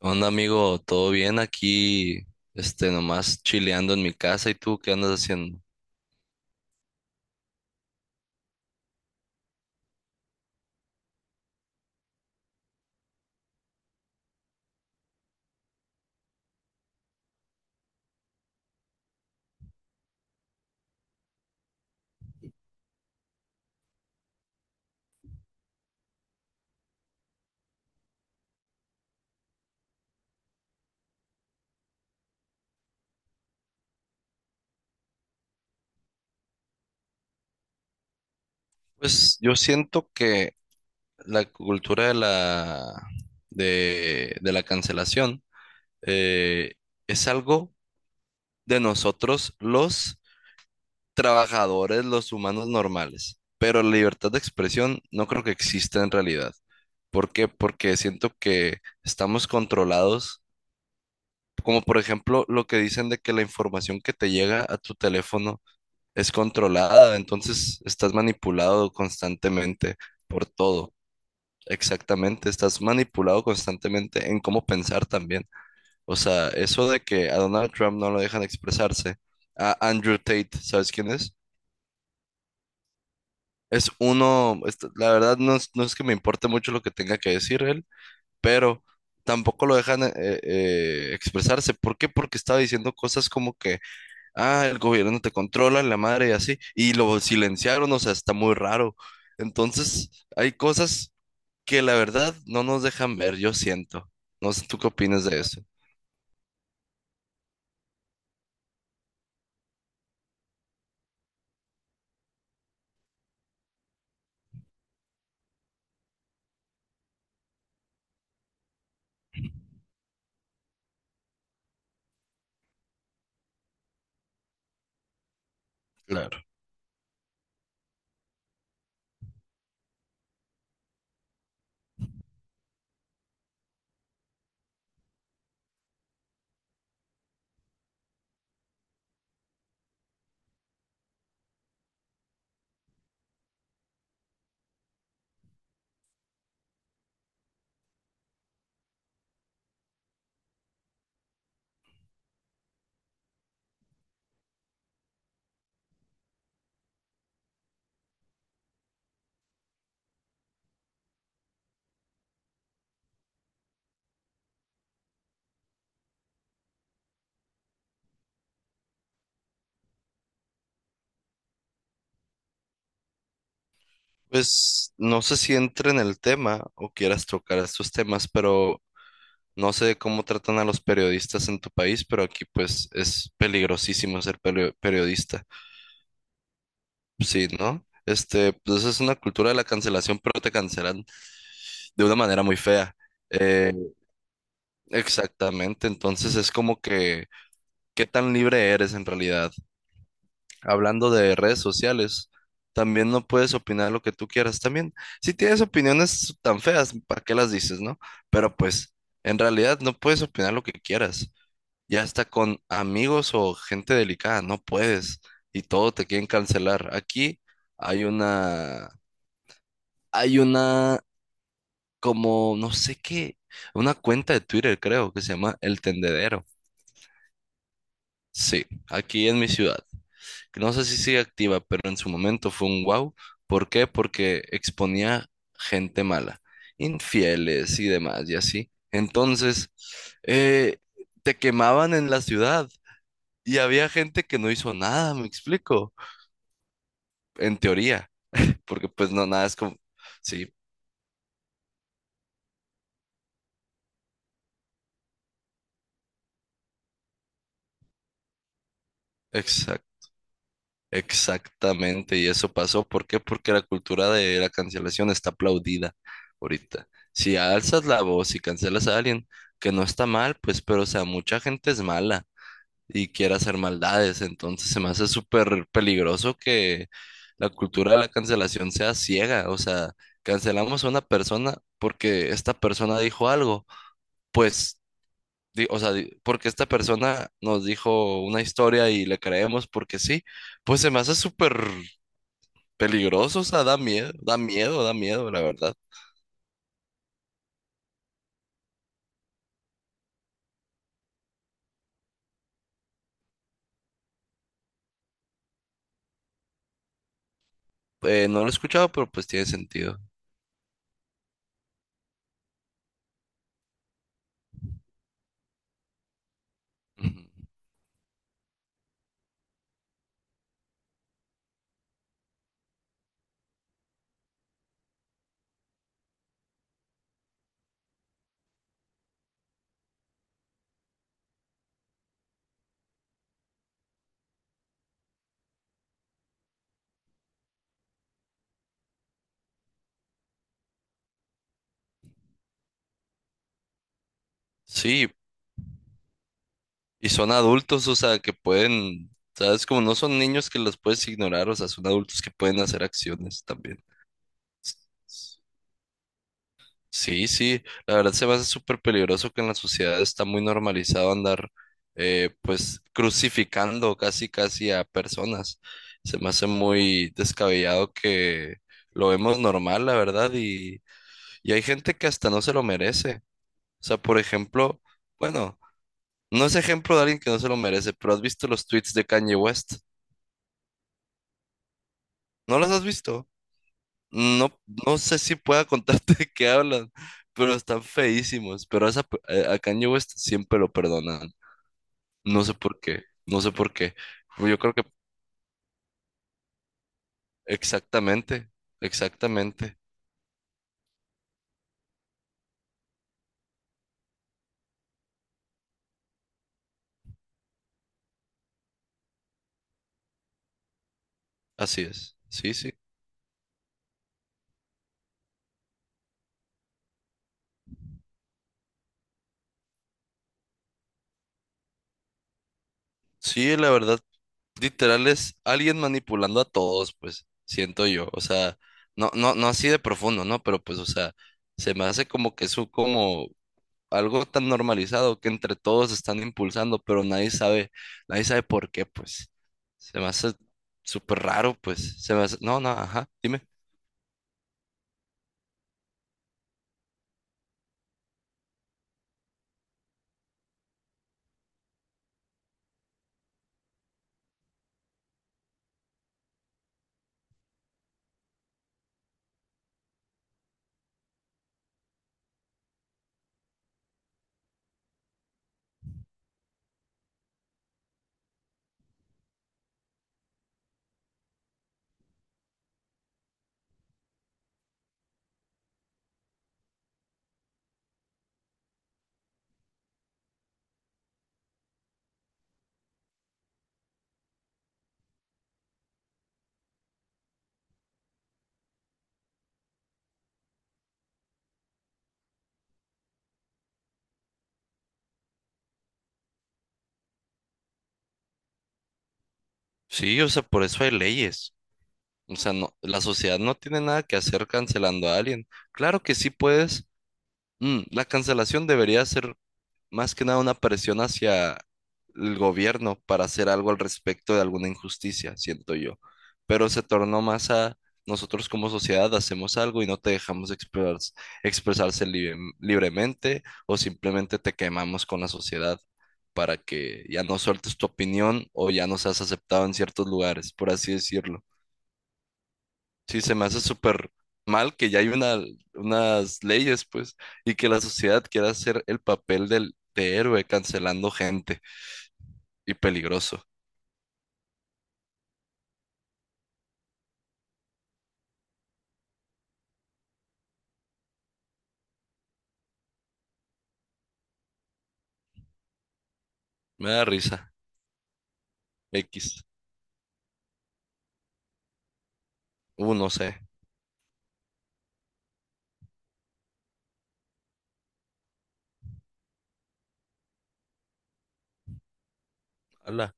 Onda amigo, ¿todo bien aquí? Nomás chileando en mi casa, ¿y tú qué andas haciendo? Pues yo siento que la cultura de de la cancelación, eh, es algo de nosotros los trabajadores, los humanos normales, pero la libertad de expresión no creo que exista en realidad. ¿Por qué? Porque siento que estamos controlados, como por ejemplo lo que dicen de que la información que te llega a tu teléfono es controlada, entonces estás manipulado constantemente por todo. Exactamente, estás manipulado constantemente en cómo pensar también. O sea, eso de que a Donald Trump no lo dejan expresarse, a Andrew Tate, ¿sabes quién es? Es uno, la verdad no es que me importe mucho lo que tenga que decir él, pero tampoco lo dejan expresarse. ¿Por qué? Porque estaba diciendo cosas como que ah, el gobierno te controla, la madre y así, y lo silenciaron, o sea, está muy raro. Entonces, hay cosas que la verdad no nos dejan ver, yo siento. No sé, ¿tú qué opinas de eso? Claro. Pues no sé si entra en el tema o quieras tocar estos temas, pero no sé cómo tratan a los periodistas en tu país, pero aquí pues es peligrosísimo ser periodista. Sí, ¿no? Pues es una cultura de la cancelación, pero te cancelan de una manera muy fea. Eh, Exactamente, entonces es como que, ¿qué tan libre eres en realidad? Hablando de redes sociales, también no puedes opinar lo que tú quieras también. Si tienes opiniones tan feas, ¿para qué las dices, no? Pero pues, en realidad no puedes opinar lo que quieras. Ya hasta con amigos o gente delicada, no puedes. Y todo te quieren cancelar. Aquí hay una, hay una, como, no sé qué, una cuenta de Twitter, creo, que se llama El Tendedero. Sí, aquí en mi ciudad. No sé si sigue activa, pero en su momento fue un wow. ¿Por qué? Porque exponía gente mala, infieles y demás, y así. Entonces, eh, te quemaban en la ciudad y había gente que no hizo nada, me explico, en teoría, porque pues no, nada es como... Sí, exactamente, y eso pasó. ¿Por qué? Porque la cultura de la cancelación está aplaudida ahorita. Si alzas la voz y cancelas a alguien, que no está mal, pues, pero o sea, mucha gente es mala y quiere hacer maldades, entonces se me hace súper peligroso que la cultura de la cancelación sea ciega. O sea, cancelamos a una persona porque esta persona dijo algo, pues, porque esta persona nos dijo una historia y le creemos porque sí. Pues se me hace súper peligrosos, o sea, da miedo, da miedo, da miedo, la verdad. No lo he escuchado, pero pues tiene sentido. Ujú. Sí, y son adultos, o sea, que pueden, sabes, como no son niños que los puedes ignorar, o sea, son adultos que pueden hacer acciones también. S- Sí, sí, la verdad se me hace súper peligroso que en la sociedad está muy normalizado andar, pues, crucificando casi, casi a personas. Se me hace muy descabellado que lo vemos normal, la verdad, y hay gente que hasta no se lo merece. O sea, por ejemplo, bueno, no es ejemplo de alguien que no se lo merece, pero ¿has visto los tweets de Kanye West? ¿No los has visto? No, no sé si pueda contarte de qué hablan, pero están feísimos. Pero a Kanye West siempre lo perdonan. No sé por qué, no sé por qué. Yo creo que exactamente, exactamente. Así es. Sí, sí. Sí, la verdad literal es alguien manipulando a todos, pues, siento yo. O sea, no, no, no así de profundo, ¿no? Pero pues, o sea, se me hace como que eso como algo tan normalizado que entre todos están impulsando, pero nadie sabe, nadie sabe por qué, pues. Se me hace súper raro, pues. Se me hace, no, no, ajá, dime. Sí, o sea, por eso hay leyes. O sea, no, la sociedad no tiene nada que hacer cancelando a alguien. Claro que sí puedes. Mm, la cancelación debería ser más que nada una presión hacia el gobierno para hacer algo al respecto de alguna injusticia, siento yo. Pero se tornó más a nosotros como sociedad hacemos algo y no te dejamos expresarse libremente o simplemente te quemamos con la sociedad para que ya no sueltes tu opinión o ya no seas aceptado en ciertos lugares, por así decirlo. Sí, se me hace súper mal que ya unas leyes, pues, y que la sociedad quiera hacer el papel del, de héroe cancelando gente y peligroso. Me da risa. X. No sé. Ala.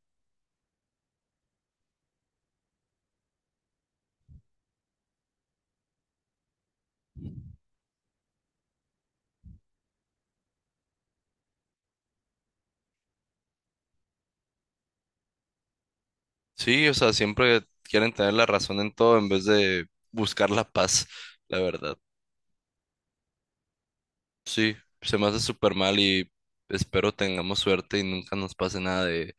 Sí, o sea, siempre quieren tener la razón en todo en vez de buscar la paz, la verdad. Sí, se me hace súper mal y espero tengamos suerte y nunca nos pase nada de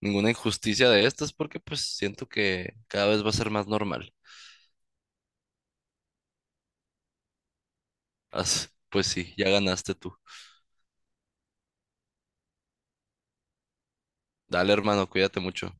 ninguna injusticia de estas porque pues siento que cada vez va a ser más normal. Pues sí, ya ganaste tú. Dale, hermano, cuídate mucho.